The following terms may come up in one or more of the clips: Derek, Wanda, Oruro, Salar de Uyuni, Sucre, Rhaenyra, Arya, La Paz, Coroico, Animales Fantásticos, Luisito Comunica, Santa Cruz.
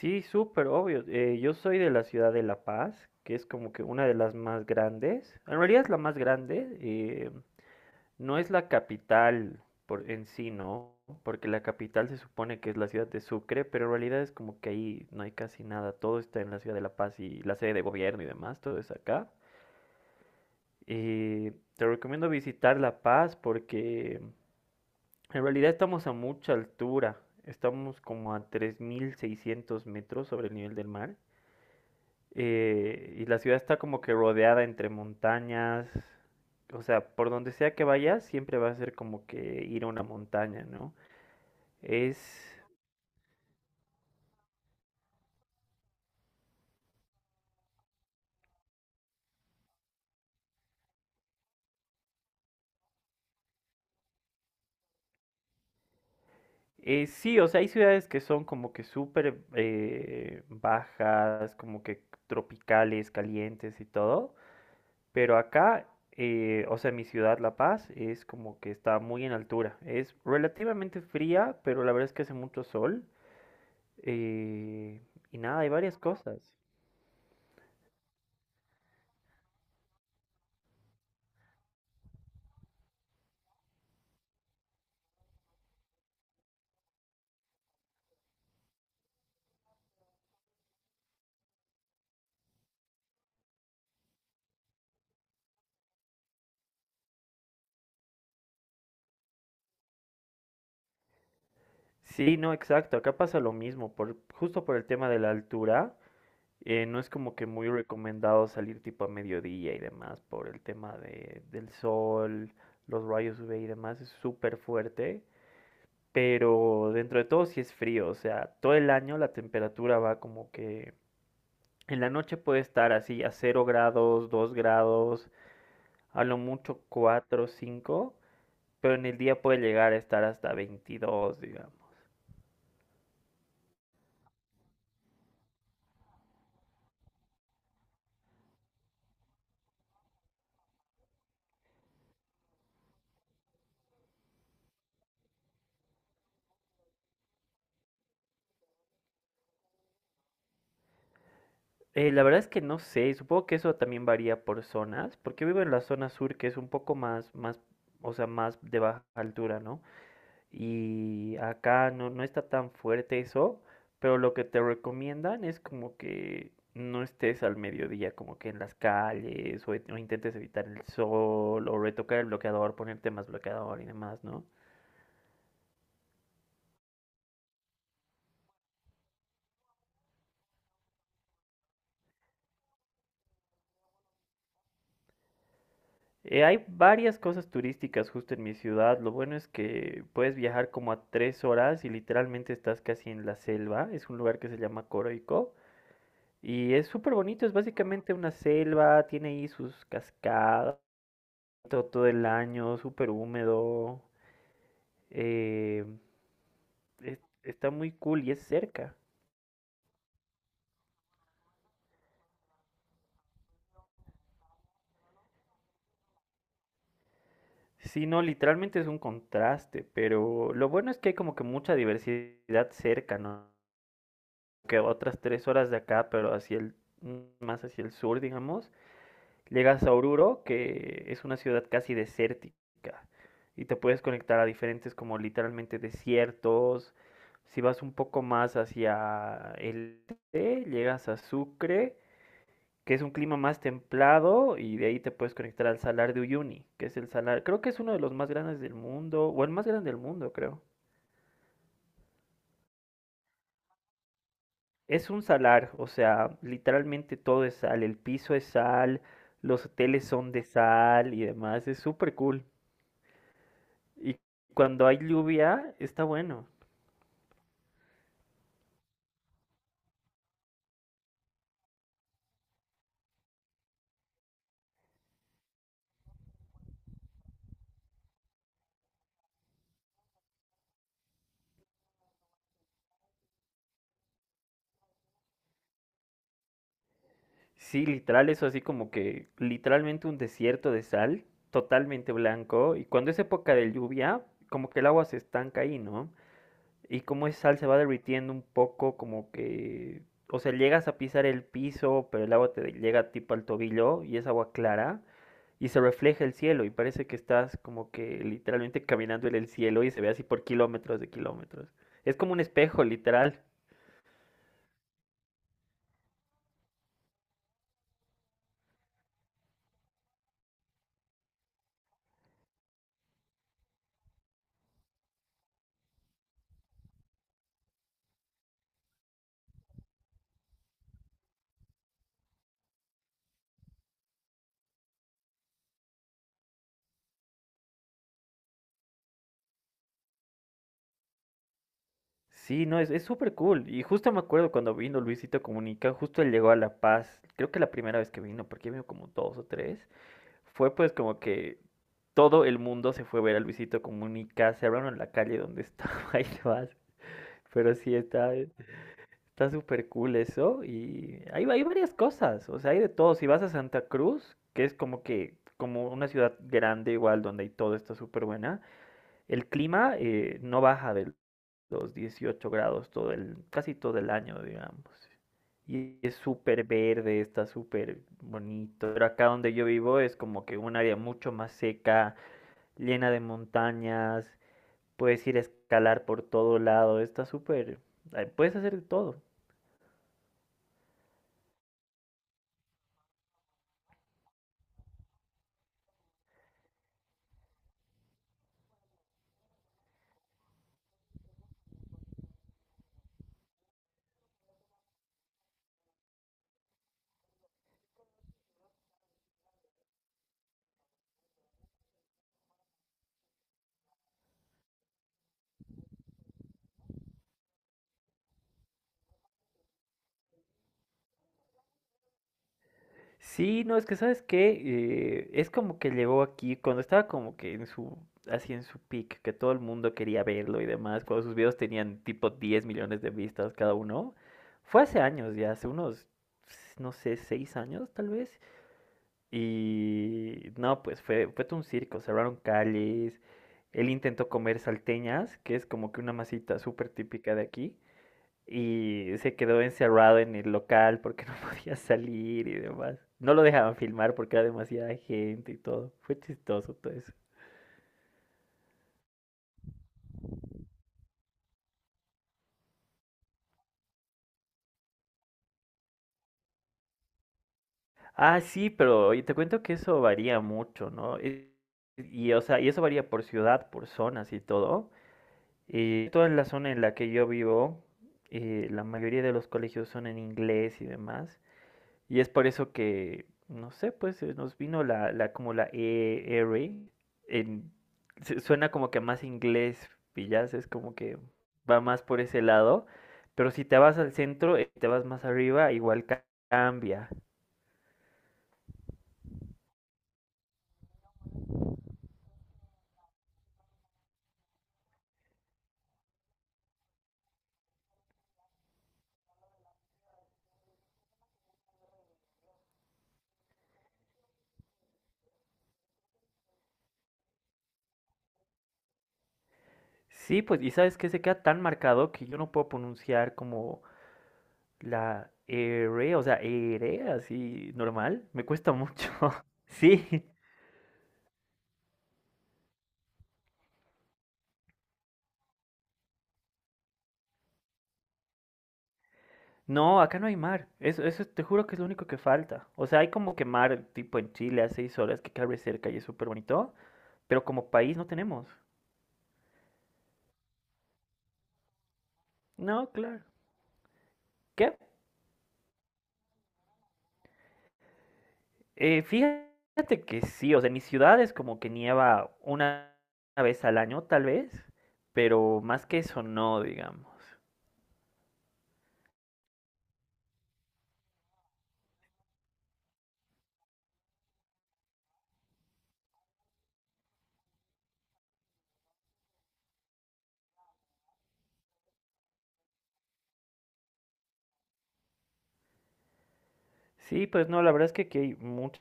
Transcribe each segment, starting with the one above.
Sí, súper obvio. Yo soy de la ciudad de La Paz, que es como que una de las más grandes. En realidad es la más grande. No es la capital por en sí, ¿no? Porque la capital se supone que es la ciudad de Sucre, pero en realidad es como que ahí no hay casi nada. Todo está en la ciudad de La Paz y la sede de gobierno y demás, todo es acá. Te recomiendo visitar La Paz porque en realidad estamos a mucha altura. Estamos como a 3.600 metros sobre el nivel del mar. Y la ciudad está como que rodeada entre montañas. O sea, por donde sea que vayas, siempre va a ser como que ir a una montaña, ¿no? Es... sí, o sea, hay ciudades que son como que súper bajas, como que tropicales, calientes y todo. Pero acá, o sea, mi ciudad, La Paz, es como que está muy en altura. Es relativamente fría, pero la verdad es que hace mucho sol. eh, y nada, hay varias cosas. Sí, no, exacto. Acá pasa lo mismo. Por, justo por el tema de la altura, no es como que muy recomendado salir tipo a mediodía y demás por el tema del sol, los rayos UV y demás. Es súper fuerte. Pero dentro de todo sí es frío. O sea, todo el año la temperatura va como que... En la noche puede estar así a 0 grados, 2 grados, a lo mucho 4, cinco. Pero en el día puede llegar a estar hasta 22, digamos. La verdad es que no sé, supongo que eso también varía por zonas, porque vivo en la zona sur que es un poco más, más, o sea, más de baja altura, ¿no? Y acá no, no está tan fuerte eso, pero lo que te recomiendan es como que no estés al mediodía, como que en las calles, o intentes evitar el sol, o retocar el bloqueador, ponerte más bloqueador y demás, ¿no? Hay varias cosas turísticas justo en mi ciudad. Lo bueno es que puedes viajar como a 3 horas y literalmente estás casi en la selva. Es un lugar que se llama Coroico y es súper bonito. Es básicamente una selva, tiene ahí sus cascadas todo, todo el año, súper húmedo. eh, Está muy cool y es cerca. Sí, no, literalmente es un contraste, pero lo bueno es que hay como que mucha diversidad cerca, ¿no? Que otras 3 horas de acá, pero más hacia el sur, digamos, llegas a Oruro, que es una ciudad casi desértica, y te puedes conectar a diferentes como literalmente desiertos. Si vas un poco más hacia el este, llegas a Sucre, que es un clima más templado, y de ahí te puedes conectar al Salar de Uyuni, que es el salar, creo que es uno de los más grandes del mundo, o el más grande del mundo, creo. Es un salar, o sea, literalmente todo es sal, el piso es sal, los hoteles son de sal y demás, es súper cool. Y cuando hay lluvia, está bueno. Sí, literal, eso así como que literalmente un desierto de sal, totalmente blanco, y cuando es época de lluvia, como que el agua se estanca ahí, ¿no? Y cómo ese sal se va derritiendo un poco, como que, o sea, llegas a pisar el piso, pero el agua te llega tipo al tobillo y es agua clara y se refleja el cielo y parece que estás como que literalmente caminando en el cielo y se ve así por kilómetros de kilómetros. Es como un espejo, literal. Sí, no, es súper cool. Y justo me acuerdo cuando vino Luisito Comunica, justo él llegó a La Paz, creo que la primera vez que vino, porque vino como dos o tres. Fue pues como que todo el mundo se fue a ver a Luisito Comunica, se abrieron en la calle donde estaba y demás. Pero sí, está súper cool eso. Y hay varias cosas, o sea, hay de todo. Si vas a Santa Cruz, que es como que como una ciudad grande igual donde hay todo está súper buena, el clima no baja del los 18 grados todo el, casi todo el año, digamos. Y es súper verde, está súper bonito. Pero acá donde yo vivo es como que un área mucho más seca, llena de montañas, puedes ir a escalar por todo lado, está súper, puedes hacer de todo. Sí, no, es que sabes que es como que llegó aquí cuando estaba como que así en su peak, que todo el mundo quería verlo y demás, cuando sus videos tenían tipo 10 millones de vistas cada uno, fue hace años ya, hace unos, no sé, 6 años tal vez, y no, pues fue, fue todo un circo, cerraron calles, él intentó comer salteñas, que es como que una masita súper típica de aquí, y se quedó encerrado en el local porque no podía salir y demás. No lo dejaban filmar porque era demasiada gente y todo. Fue chistoso todo eso. Ah, sí, pero oye, te cuento que eso varía mucho, ¿no? Y, o sea, y eso varía por ciudad, por zonas y todo. Toda la zona en la que yo vivo, la mayoría de los colegios son en inglés y demás. Y es por eso que, no sé, pues nos vino la como la ER. En, Suena como que más inglés, pillas, es como que va más por ese lado. Pero si te vas al centro, te vas más arriba, igual cambia. Sí, pues, y sabes que se queda tan marcado que yo no puedo pronunciar como la E, R, o sea, E, R, así normal. Me cuesta mucho. Sí. No, acá no hay mar. Eso te juro que es lo único que falta. O sea, hay como que mar tipo en Chile a 6 horas que cabe cerca y es súper bonito, pero como país no tenemos. No, claro. ¿Qué? Fíjate que sí, o sea, en mis ciudades como que nieva una vez al año, tal vez, pero más que eso no, digamos. Sí, pues no, la verdad es que aquí hay mucha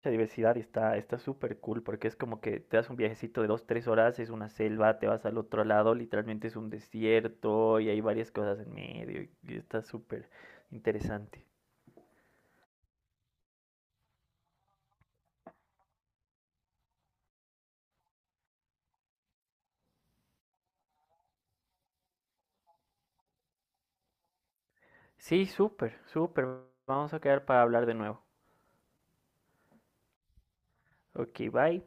mucha diversidad y está súper cool porque es como que te das un viajecito de dos, tres horas, es una selva, te vas al otro lado, literalmente es un desierto y hay varias cosas en medio y está súper interesante. Sí, súper, súper. Vamos a quedar para hablar de nuevo. Ok, bye.